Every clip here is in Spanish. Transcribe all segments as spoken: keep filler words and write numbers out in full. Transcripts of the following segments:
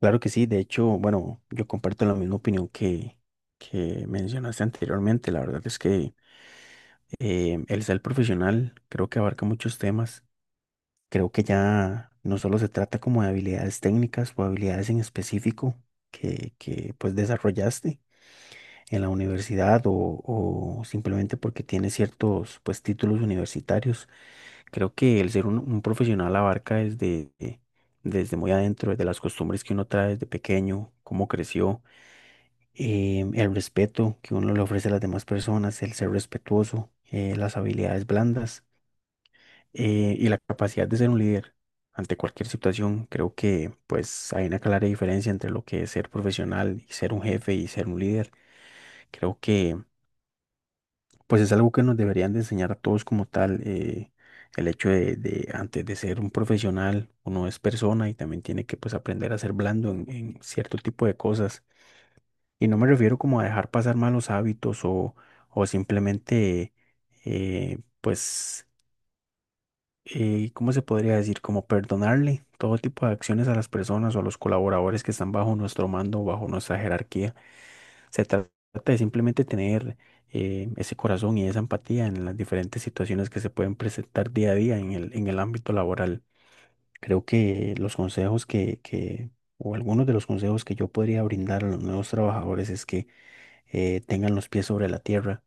Claro que sí, de hecho, bueno, yo comparto la misma opinión que, que mencionaste anteriormente. La verdad es que eh, el ser profesional creo que abarca muchos temas. Creo que ya no solo se trata como de habilidades técnicas o habilidades en específico que, que pues desarrollaste en la universidad o, o simplemente porque tienes ciertos pues títulos universitarios. Creo que el ser un, un profesional abarca desde, desde muy adentro, desde las costumbres que uno trae desde pequeño, cómo creció, eh, el respeto que uno le ofrece a las demás personas, el ser respetuoso, eh, las habilidades blandas, eh, y la capacidad de ser un líder ante cualquier situación. Creo que pues hay una clara diferencia entre lo que es ser profesional y ser un jefe y ser un líder. Creo que pues es algo que nos deberían de enseñar a todos como tal. eh, El hecho de, de antes de ser un profesional, uno es persona y también tiene que pues aprender a ser blando en en cierto tipo de cosas. Y no me refiero como a dejar pasar malos hábitos o, o simplemente, eh, pues, eh, ¿cómo se podría decir? Como perdonarle todo tipo de acciones a las personas o a los colaboradores que están bajo nuestro mando, bajo nuestra jerarquía. Se tra- trata de simplemente tener eh, ese corazón y esa empatía en las diferentes situaciones que se pueden presentar día a día en el, en el ámbito laboral. Creo que los consejos que, que, o algunos de los consejos que yo podría brindar a los nuevos trabajadores es que eh, tengan los pies sobre la tierra,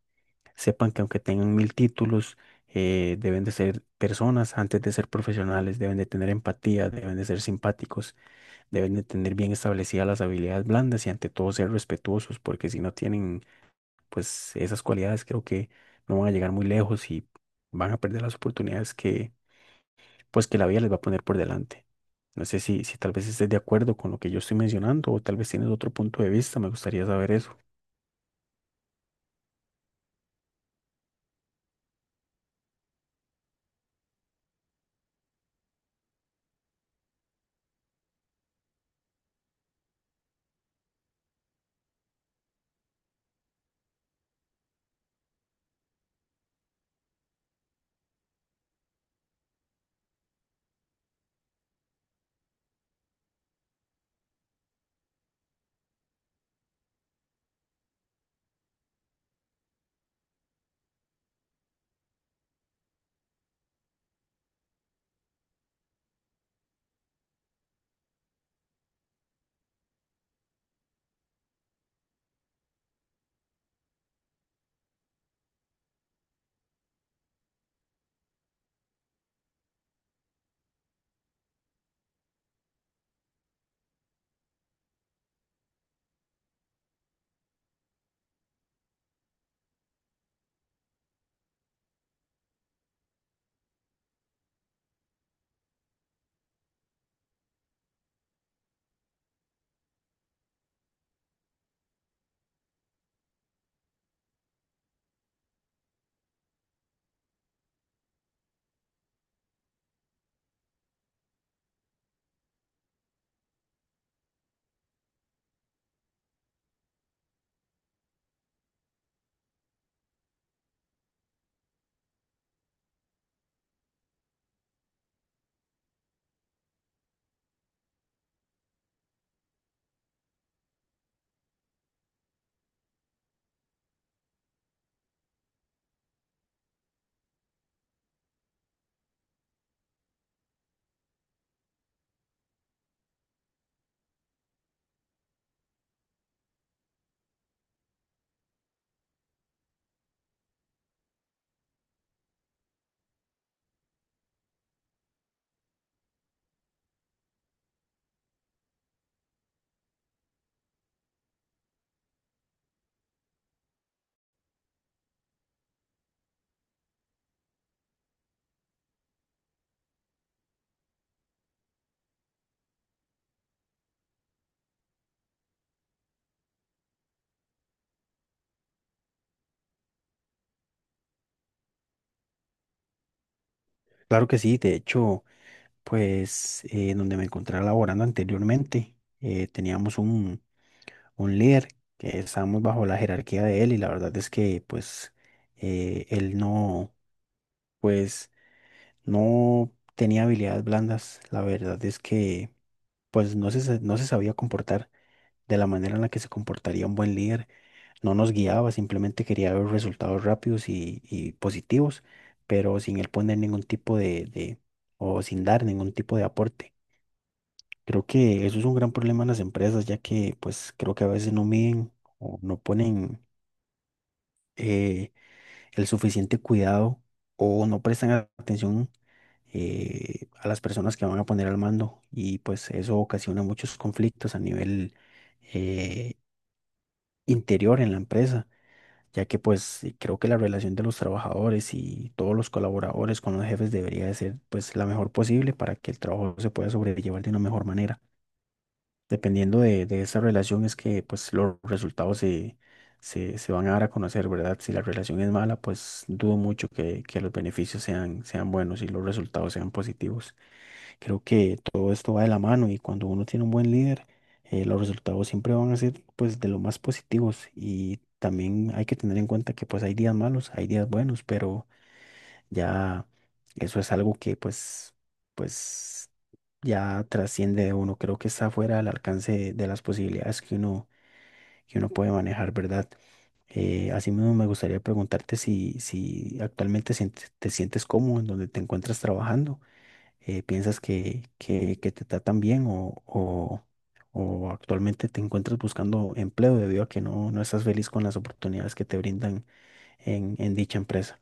sepan que aunque tengan mil títulos, eh, deben de ser personas antes de ser profesionales, deben de tener empatía, deben de ser simpáticos, deben de tener bien establecidas las habilidades blandas y ante todo ser respetuosos, porque si no tienen pues esas cualidades, creo que no van a llegar muy lejos y van a perder las oportunidades que pues que la vida les va a poner por delante. No sé si, si tal vez estés de acuerdo con lo que yo estoy mencionando o tal vez tienes otro punto de vista, me gustaría saber eso. Claro que sí, de hecho, pues eh, donde me encontraba laborando anteriormente, eh, teníamos un, un líder que estábamos bajo la jerarquía de él, y la verdad es que pues eh, él no, pues no tenía habilidades blandas, la verdad es que pues no se, sa- no se sabía comportar de la manera en la que se comportaría un buen líder, no nos guiaba, simplemente quería ver resultados rápidos y, y positivos, pero sin él poner ningún tipo de, de, o sin dar ningún tipo de aporte. Creo que eso es un gran problema en las empresas, ya que pues creo que a veces no miden o no ponen eh, el suficiente cuidado o no prestan a- atención, eh, a las personas que van a poner al mando, y pues eso ocasiona muchos conflictos a nivel eh, interior en la empresa, ya que pues eh, creo que la relación de los trabajadores y todos los colaboradores con los jefes debería de ser pues la mejor posible para que el trabajo se pueda sobrellevar de una mejor manera. Dependiendo de, de esa relación es que pues los resultados se, se, se van a dar a conocer, ¿verdad? Si la relación es mala, pues dudo mucho que, que los beneficios sean, sean buenos y los resultados sean positivos. Creo que todo esto va de la mano, y cuando uno tiene un buen líder, eh, los resultados siempre van a ser pues de lo más positivos, y también hay que tener en cuenta que pues hay días malos, hay días buenos, pero ya eso es algo que pues, pues ya trasciende de uno. Creo que está fuera del alcance de, de las posibilidades que uno, que uno puede manejar, ¿verdad? Eh, asimismo, me gustaría preguntarte si, si actualmente sientes- te sientes cómodo en donde te encuentras trabajando. Eh, ¿piensas que, que, que te tratan bien o, o, o actualmente te encuentras buscando empleo debido a que no, no estás feliz con las oportunidades que te brindan en, en dicha empresa?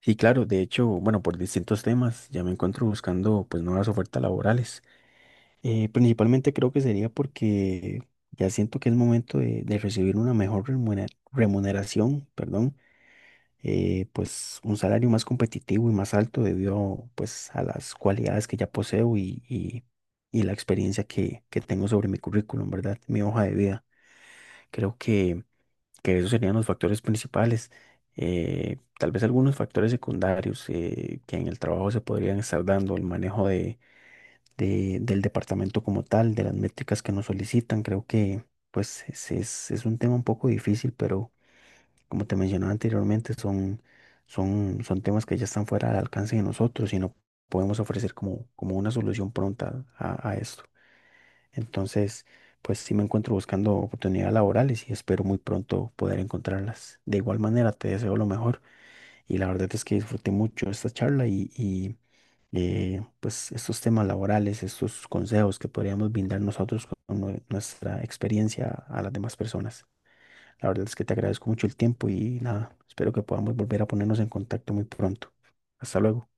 Sí, claro, de hecho, bueno, por distintos temas ya me encuentro buscando pues nuevas ofertas laborales. Eh, principalmente creo que sería porque ya siento que es momento de, de recibir una mejor remunera- remuneración, perdón, eh, pues un salario más competitivo y más alto debido pues a las cualidades que ya poseo y, y- y la experiencia que, que tengo sobre mi currículum, ¿verdad? Mi hoja de vida. Creo que que esos serían los factores principales. Eh, tal vez algunos factores secundarios, eh, que en el trabajo se podrían estar dando, el manejo de, de- del departamento como tal, de las métricas que nos solicitan. Creo que pues es, es- es un tema un poco difícil, pero como te mencionaba anteriormente, son, son, son temas que ya están fuera del alcance de nosotros y no podemos ofrecer como, como una solución pronta a, a esto. Entonces, pues sí me encuentro buscando oportunidades laborales y espero muy pronto poder encontrarlas. De igual manera, te deseo lo mejor, y la verdad es que disfruté mucho esta charla y, y, eh, pues estos temas laborales, estos consejos que podríamos brindar nosotros con nue- nuestra experiencia a las demás personas. La verdad es que te agradezco mucho el tiempo y nada, espero que podamos volver a ponernos en contacto muy pronto. Hasta luego.